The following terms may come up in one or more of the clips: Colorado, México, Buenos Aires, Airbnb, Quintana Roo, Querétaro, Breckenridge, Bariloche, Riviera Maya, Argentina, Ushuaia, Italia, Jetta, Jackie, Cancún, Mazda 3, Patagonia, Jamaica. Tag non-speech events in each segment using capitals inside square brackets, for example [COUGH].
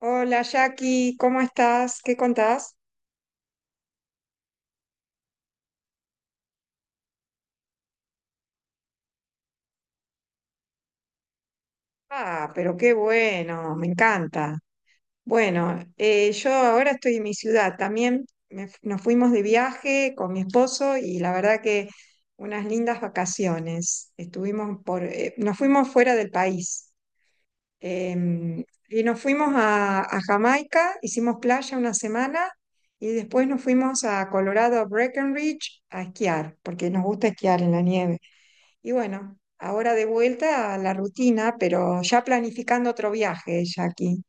Hola Jackie, ¿cómo estás? ¿Qué contás? Ah, pero qué bueno, me encanta. Bueno, yo ahora estoy en mi ciudad también. Nos fuimos de viaje con mi esposo y la verdad que unas lindas vacaciones. Estuvimos nos fuimos fuera del país. Em, y nos fuimos a Jamaica, hicimos playa una semana y después nos fuimos a Colorado, a Breckenridge, a esquiar, porque nos gusta esquiar en la nieve. Y bueno, ahora de vuelta a la rutina, pero ya planificando otro viaje, Jackie.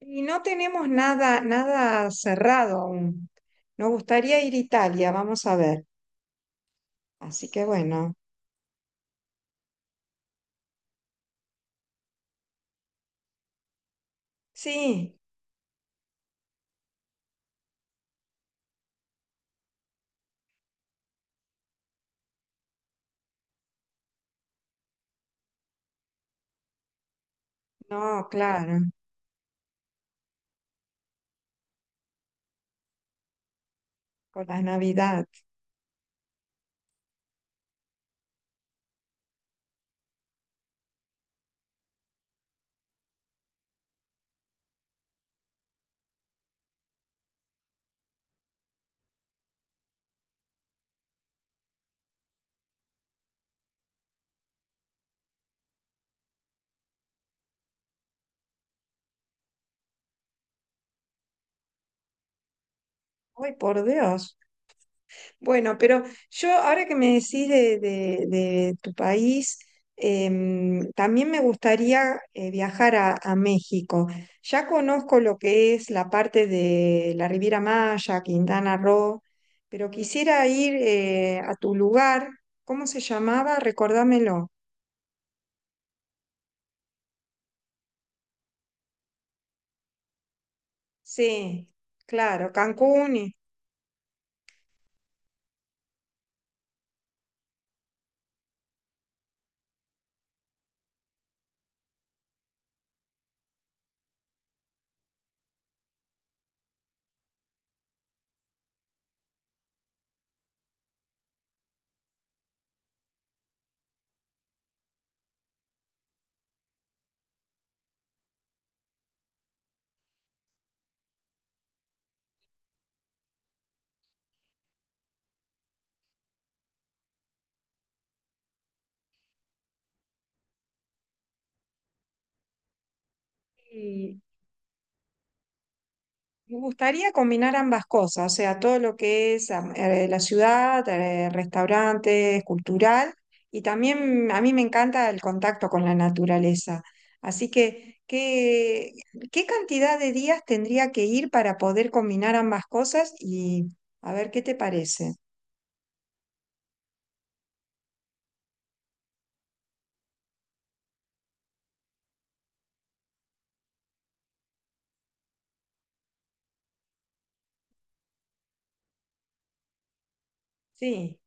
Y no tenemos nada, nada cerrado aún. Nos gustaría ir a Italia, vamos a ver. Así que bueno, sí, no, claro, con la Navidad. Ay, por Dios. Bueno, pero yo ahora que me decís de tu país, también me gustaría viajar a México. Ya conozco lo que es la parte de la Riviera Maya, Quintana Roo, pero quisiera ir a tu lugar. ¿Cómo se llamaba? Recordámelo. Sí, claro, Cancún y, Me gustaría combinar ambas cosas, o sea, todo lo que es la ciudad, restaurantes, cultural, y también a mí me encanta el contacto con la naturaleza. Así que ¿qué cantidad de días tendría que ir para poder combinar ambas cosas? Y a ver, ¿qué te parece? Sí,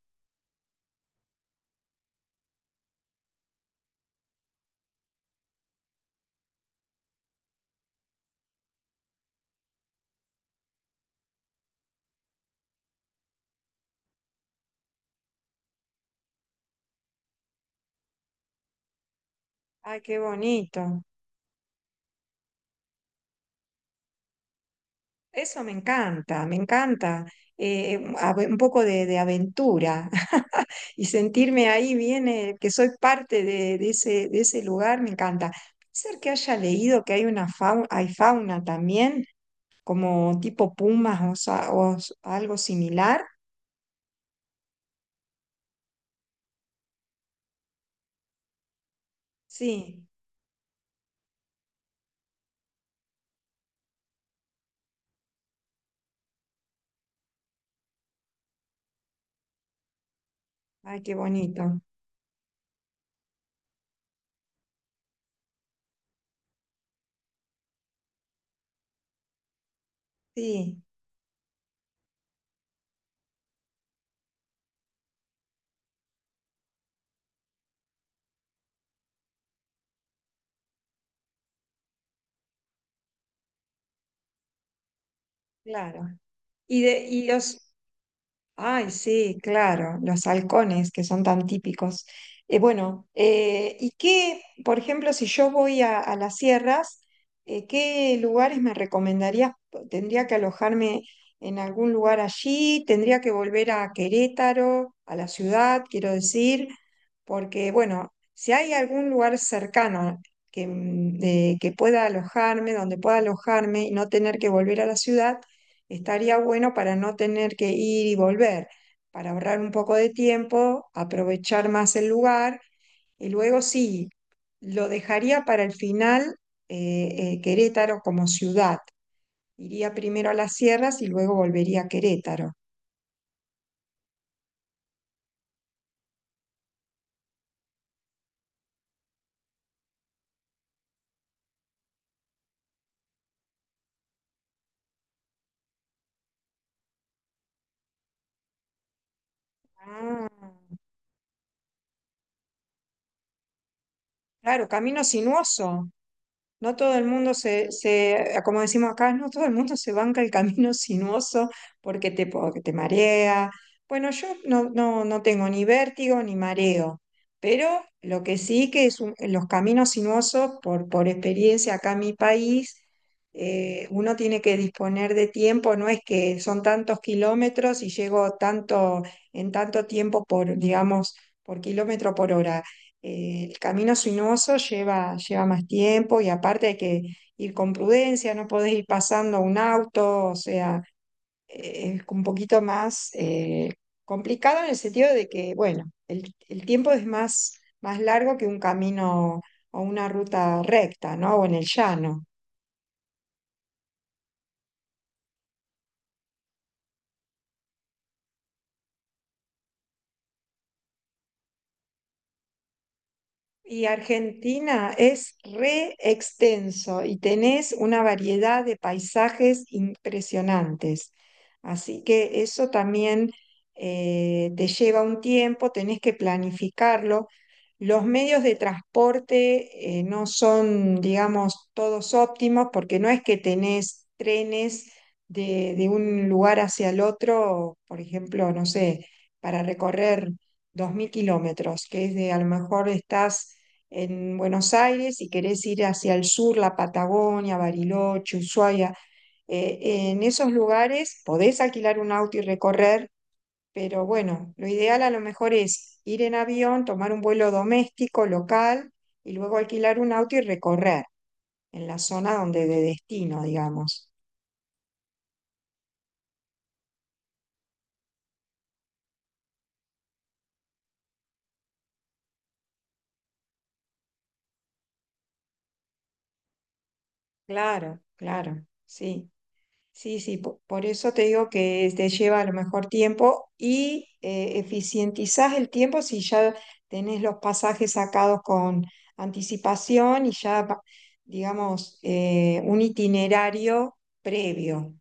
ay, qué bonito. Eso me encanta, me encanta. Un poco de aventura. [LAUGHS] Y sentirme ahí bien, que soy parte de ese lugar, me encanta. Ser que haya leído que hay una fauna, hay fauna también, como tipo pumas o algo similar. Sí, ay, qué bonito. Sí, claro. Y de, y los, Ay, sí, claro, los halcones que son tan típicos. Bueno, ¿y qué, por ejemplo, si yo voy a las sierras, qué lugares me recomendarías? ¿Tendría que alojarme en algún lugar allí? ¿Tendría que volver a Querétaro, a la ciudad, quiero decir? Porque, bueno, si hay algún lugar cercano que pueda alojarme, donde pueda alojarme y no tener que volver a la ciudad, estaría bueno para no tener que ir y volver, para ahorrar un poco de tiempo, aprovechar más el lugar, y luego sí, lo dejaría para el final, Querétaro como ciudad. Iría primero a las sierras y luego volvería a Querétaro. Ah, claro, camino sinuoso. No todo el mundo, como decimos acá, no todo el mundo se banca el camino [LAUGHS] sinuoso, porque te marea. Bueno, yo no tengo ni vértigo ni mareo, pero lo que sí, que los caminos sinuosos, por experiencia acá en mi país, uno tiene que disponer de tiempo. No es que son tantos kilómetros y llego tanto, en tanto tiempo por, digamos, por kilómetro por hora. El camino sinuoso lleva más tiempo, y aparte hay que ir con prudencia, no podés ir pasando un auto, o sea, es un poquito más complicado en el sentido de que, bueno, el tiempo es más largo que un camino o una ruta recta, ¿no? O en el llano. Y Argentina es re extenso y tenés una variedad de paisajes impresionantes. Así que eso también te lleva un tiempo, tenés que planificarlo. Los medios de transporte no son, digamos, todos óptimos, porque no es que tenés trenes de un lugar hacia el otro, por ejemplo, no sé, para recorrer 2.000 kilómetros, que es de a lo mejor estás en Buenos Aires y querés ir hacia el sur, la Patagonia, Bariloche, Ushuaia. En esos lugares podés alquilar un auto y recorrer, pero bueno, lo ideal a lo mejor es ir en avión, tomar un vuelo doméstico, local, y luego alquilar un auto y recorrer en la zona donde de destino, digamos. Claro, claro, sí. Sí, sí, eso te digo que te lleva a lo mejor tiempo, y eficientizás el tiempo si ya tenés los pasajes sacados con anticipación y ya, digamos, un itinerario previo.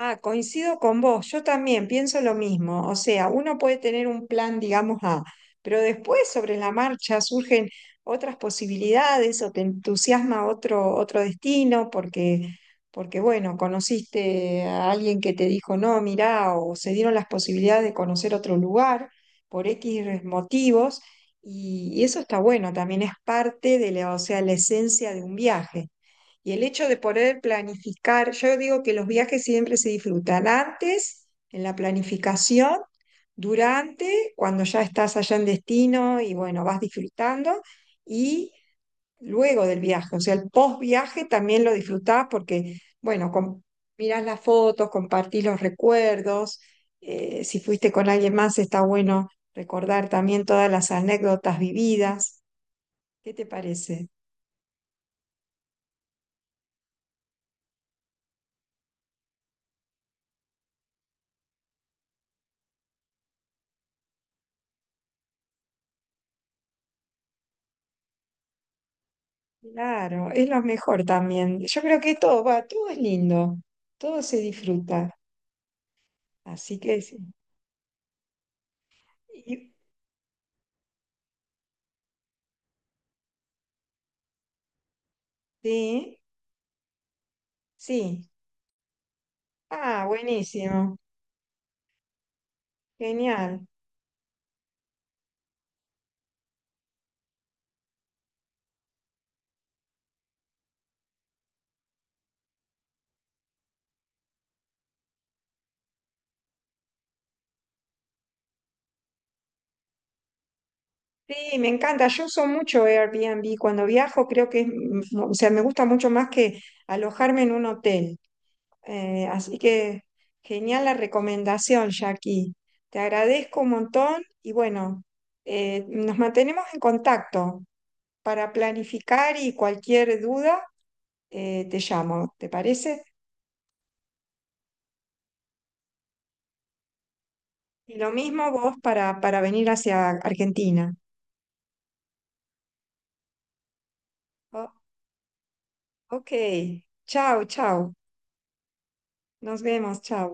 Ah, coincido con vos, yo también pienso lo mismo, o sea, uno puede tener un plan, digamos, A, pero después sobre la marcha surgen otras posibilidades, o te entusiasma otro destino, bueno, conociste a alguien que te dijo, no, mirá, o se dieron las posibilidades de conocer otro lugar por X motivos, y eso está bueno, también es parte de o sea, la esencia de un viaje. Y el hecho de poder planificar, yo digo que los viajes siempre se disfrutan antes, en la planificación, durante, cuando ya estás allá en destino y bueno, vas disfrutando, y luego del viaje, o sea, el post viaje también lo disfrutás porque, bueno, mirás las fotos, compartís los recuerdos, si fuiste con alguien más está bueno recordar también todas las anécdotas vividas. ¿Qué te parece? Claro, es lo mejor también. Yo creo que todo es lindo, todo se disfruta. Así que sí. Y- sí, sí. Ah, buenísimo, genial. Sí, me encanta. Yo uso mucho Airbnb. Cuando viajo creo que es, o sea, me gusta mucho más que alojarme en un hotel. Así que genial la recomendación, Jackie. Te agradezco un montón y bueno, nos mantenemos en contacto para planificar, y cualquier duda, te llamo, ¿te parece? Y lo mismo vos, para venir hacia Argentina. O- ok, chao, chao. Nos vemos, chao.